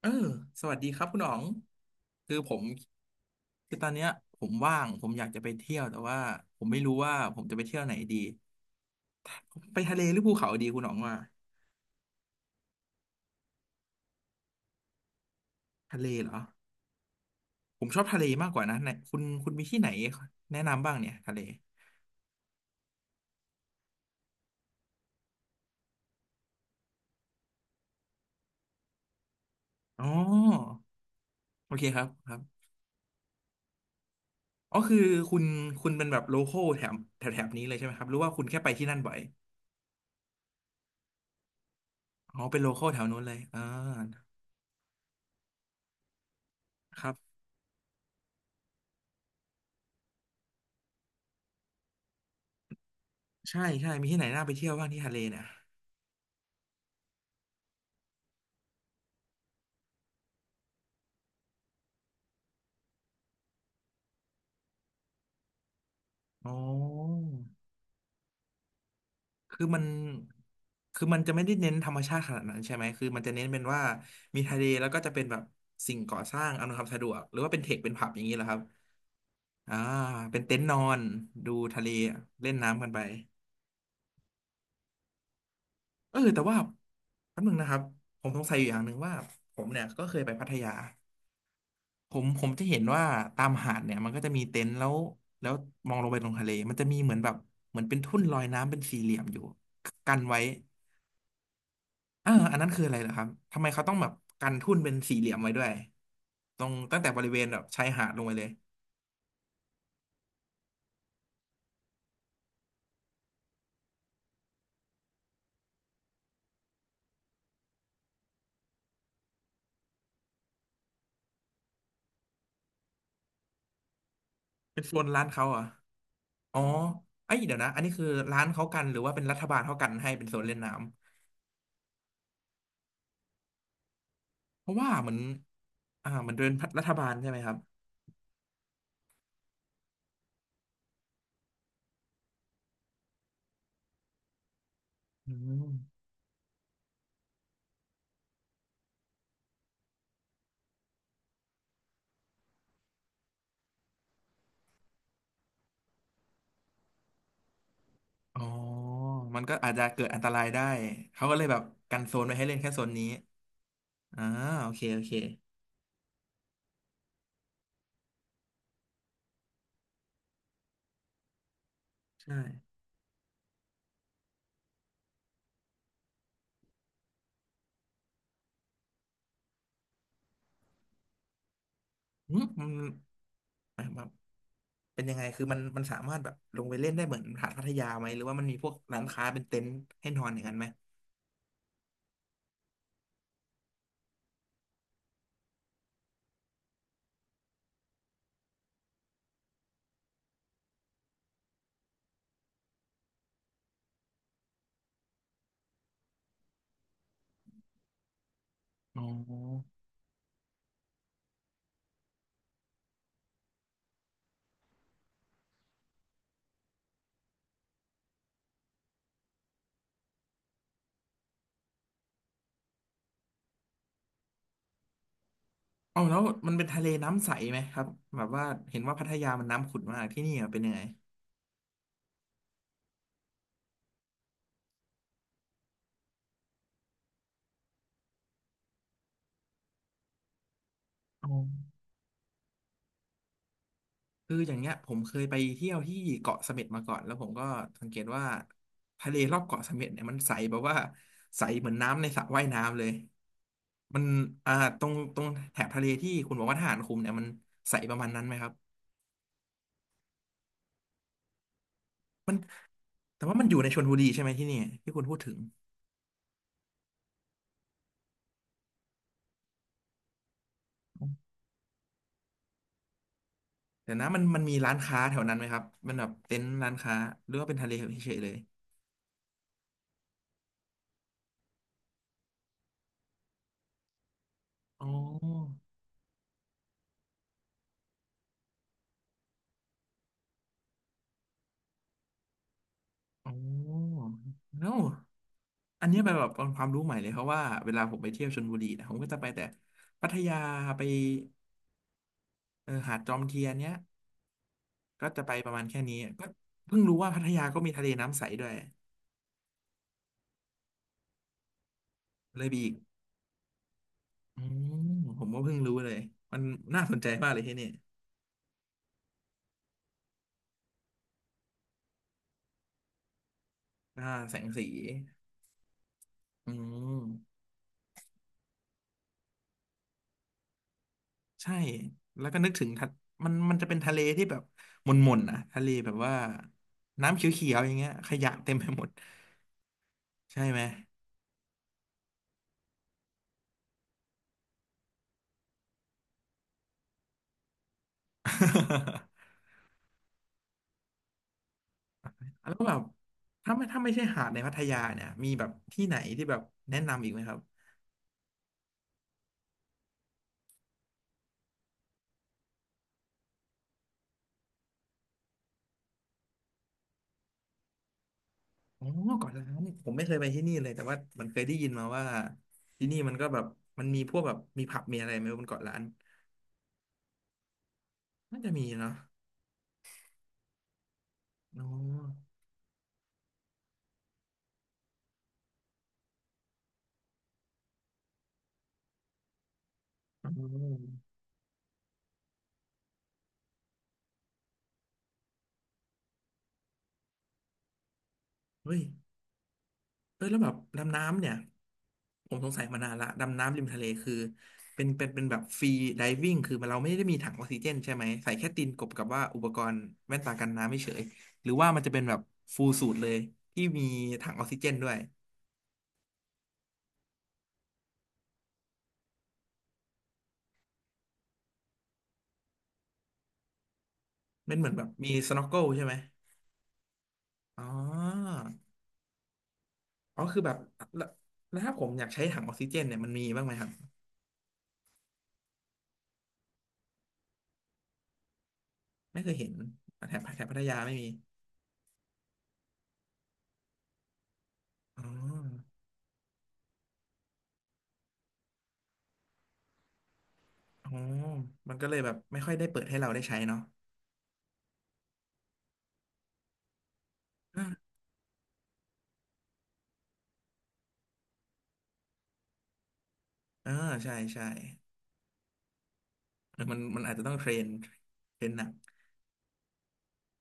เออสวัสดีครับคุณอ๋อง คือผมคือตอนเนี้ยผมว่าง ผมอยากจะไปเที่ยวแต่ว่าผมไม่รู้ว่าผมจะไปเที่ยวไหนดี ไปทะเลหรือภูเขาดีคุณอ๋องว่าทะเลเหรอผมชอบทะเลมากกว่านะไหนคุณคุณมีที่ไหนแนะนำบ้างเนี่ยทะเลอ๋อโอเคครับครับอ๋อคือคุณคุณเป็นแบบโลคอลแถบแถบนี้เลยใช่ไหมครับหรือว่าคุณแค่ไปที่นั่นบ่อยอ๋อเป็นโลคอลแถวนู้นเลยอ่าครับใช่ใช่มีที่ไหนน่าไปเที่ยวบ้างที่ทะเลเนี่ยอ๋อ คือมันคือมันจะไม่ได้เน้นธรรมชาติขนาดนั้นใช่ไหมคือมันจะเน้นเป็นว่ามีทะเลแล้วก็จะเป็นแบบสิ่งก่อสร้างอำนวยความสะดวกหรือว่าเป็นเทคเป็นผับอย่างนี้เหรอครับอ่าเป็นเต็นท์นอนดูทะเลเล่นน้ำกันไปเออแต่ว่าแป๊บนึงนะครับผมสงสัยอยู่อย่างหนึ่งว่าผมเนี่ยก็เคยไปพัทยาผมผมจะเห็นว่าตามหาดเนี่ยมันก็จะมีเต็นท์แล้วแล้วมองลงไปตรงทะเลมันจะมีเหมือนแบบเหมือนเป็นทุ่นลอยน้ำเป็นสี่เหลี่ยมอยู่กันไว้ เอออันนั้นคืออะไรเหรอครับทำไมเขาต้องแบบกันทุ่นเป็นสี่เหลี่ยมไว้ด้วยตรงตั้งแต่บริเวณแบบชายหาดลงไปเลยเป็นโซนร้านเขาเหรอ่ะอ๋อไอ้ยเดี๋ยวนะอันนี้คือร้านเขากันหรือว่าเป็นรัฐบาลเขากันให้เป็นโซนเล่นน้ำเพราะว่าเหมือนอ่าเหมันเดินรัฐบาลใช่ไหมครับอืมอ๋อมันก็อาจจะเกิดอันตรายได้เขาก็เลยแบบกันโซนไว้ให้เล่นแค่โซนนี้อ่าโอเคโอเคใช่อืมมัน เป็นยังไงคือมันมันสามารถแบบลงไปเล่นได้เหมือนหาดพัทยาไหมหรือว่ามันมีพวกร้านค้าเป็นเต็นท์ให้นอนอย่างนั้นไหมอ๋อเอาแล้วมันเป็นทะเลน้ำใสไหมครับแบบว่าเห็นว่าพัทยามันน้ำขุ่นมากที่นี่อะเป็นยังไงอ๋อคืออย่างเงี้ยผมเคยไปเที่ยวที่เกาะเสม็ดมาก่อนแล้วผมก็สังเกตว่าทะเลรอบเกาะเสม็ดเนี่ยมันใสแบบว่าใสเหมือนน้ำในสระว่ายน้ำเลยมันอ่าตรงตรงแถบทะเลที่คุณบอกว่าทหารคุมเนี่ยมันใสประมาณนั้นไหมครับ แต่ว่ามันอยู่ในชลบุรีใช่ไหมที่นี่ที่คุณพูดถึง เดี๋ยวนะมันมันมีร้านค้าแถวนั้นไหมครับมันแบบเต็นท์ร้านค้าหรือว่าเป็นทะเลเฉยๆเลยอ๋ออ๋อเนอันนี้เป็นแบบเป็นความรู้ใหม่เลยเพราะว่าเวลาผมไปเที่ยวชลบุรีนะผมก็จะไปแต่พัทยาไปเออหาดจอมเทียนเนี้ยก็จะไปประมาณแค่นี้ก็เพิ่งรู้ว่าพัทยาก็มีทะเลน้ำใสด้วยเลยบีอีกอืมผมก็เพิ่งรู้เลยมันน่าสนใจมากเลยที่นี่อ่าแสงสีอืม ใช่แล้วก็นึกถึงทะมันมันจะเป็นทะเลที่แบบหม่นๆนะทะเลแบบว่าน้ำเขียวๆอย่างเงี้ยขยะเต็มไปหมดใช่ไหม แล้วแบบถ้าไม่ถ้าไม่ใช่หาดในพัทยาเนี่ยมีแบบที่ไหนที่แบบแนะนำอีกไหมครับอ๋อเกาะล้านผมไม่เคยไปที่นี่เลยแต่ว่ามันเคยได้ยินมาว่า ที่นี่มันก็แบบมันมีพวกแบบมีผับ มีอะไรไหมบนเกาะล้านน่าจะมีเนาะอ๋ออ๋อเฮ้ย เออแล้วแบบดำน้ำเนี่ยผมสงสัยมานานละดำน้ำริมทะเลคือเป็นเป็นเป็นแบบฟรีไดวิ่งคือมันเราไม่ได้มีถังออกซิเจนใช่ไหมใส่แค่ตีนกบกับว่าอุปกรณ์แว่นตากันน้ำไม่เฉยหรือว่ามันจะเป็นแบบฟูลสูทเลยที่มีถังออกซิเจนด้วยมันเหมือนแบบมีสโนว์เกิลใช่ไหมอ๋ออ๋อคือแบบแล้วแล้วถ้าผมอยากใช้ถังออกซิเจนเนี่ยมันมีบ้างไหมครับไม่เคยเห็นแถบแถบพัทยาไม่มีอ๋ออ๋อมันก็เลยแบบไม่ค่อยได้เปิดให้เราได้ใช้เนาะ อ่าใช่ใช่เออมันมันอาจจะต้องเทรนเทรนหนัก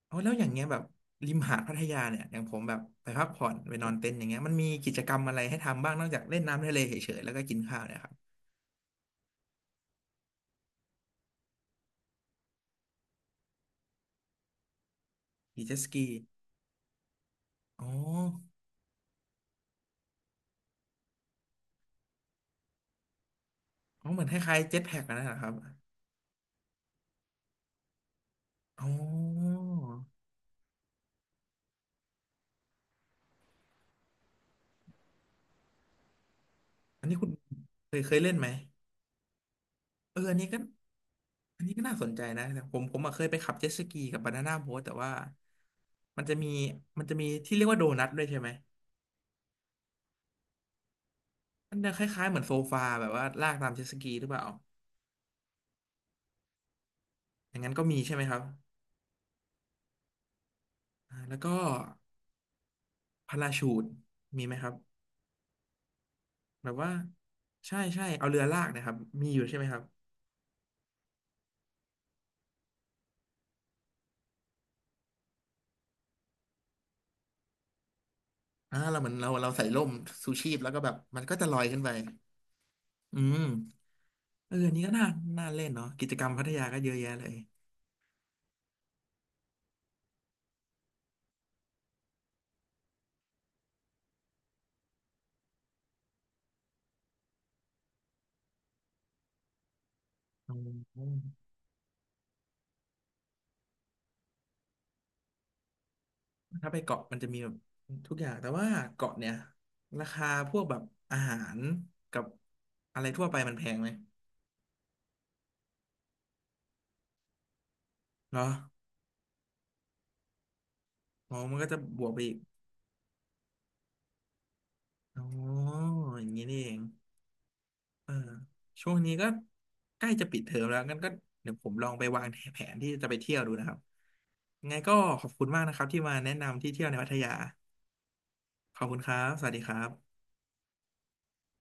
เอาแล้วอย่างเงี้ยแบบริมหาดพัทยาเนี่ยอย่างผมแบบไปพักผ่อนไปนอนเต็นท์อย่างเงี้ยมันมีกิจกรรมอะไรให้ทำบ้างนอกจากเล่นน้ำทะเลเฉยๆแล้วก็กินข้าวเนี่ยครับขี่เจ็ตสกีอ๋ออ๋อเหมือนคล้ายๆเจ็ตแพ็กนะครับอ๋ออันนี้คุณเคยเคยเล่นไหมเอออันนี้ก็อันนี้ก็น่าสนใจนะแต่ผมผมอะเคยไปขับเจ็ตสกีกับบานาน่าโบ๊ทแต่ว่ามันจะมีมันจะมีที่เรียกว่าโดนัทด้วยใช่ไหม มันจะคล้ายๆเหมือนโซฟาแบบว่าลากตามเจ็ตสกีหรือเปล่าอย่างนั้นก็มีใช่ไหมครับอ่าแล้วก็พาราชูทมีไหมครับแบบว่าใช่ใช่เอาเรือลากนะครับมีอยู่ใช่ไหมครับอ่าเราเหมือนเราเราใส่ร่มชูชีพแล้วก็แบบมันก็จะลอยขึ้นไปอืมเอออันนี้ก็น่าน่าเล่นเนาะกิจกรรมพัทยาก็เยอะแยะเลยอืมถ้าไปเกาะมันจะมีแบบทุกอย่างแต่ว่าเกาะเนี่ยราคาพวกแบบอาหารกับอะไรทั่วไปมันแพงไหมเหรอ อ๋อมันก็จะบวกไปอีกอ๋ออย่างนี้นี่เองเออช่วงนี้ก็ใกล้จะปิดเทอมแล้วงั้นก็เดี๋ยวผมลองไปวางแผนที่จะไปเที่ยวดูนะครับยังไงก็ขอบคุณมากนะครับที่มาแนะนำที่เที่ยวในพัทยาขอบคุณครับสวัสดีครับ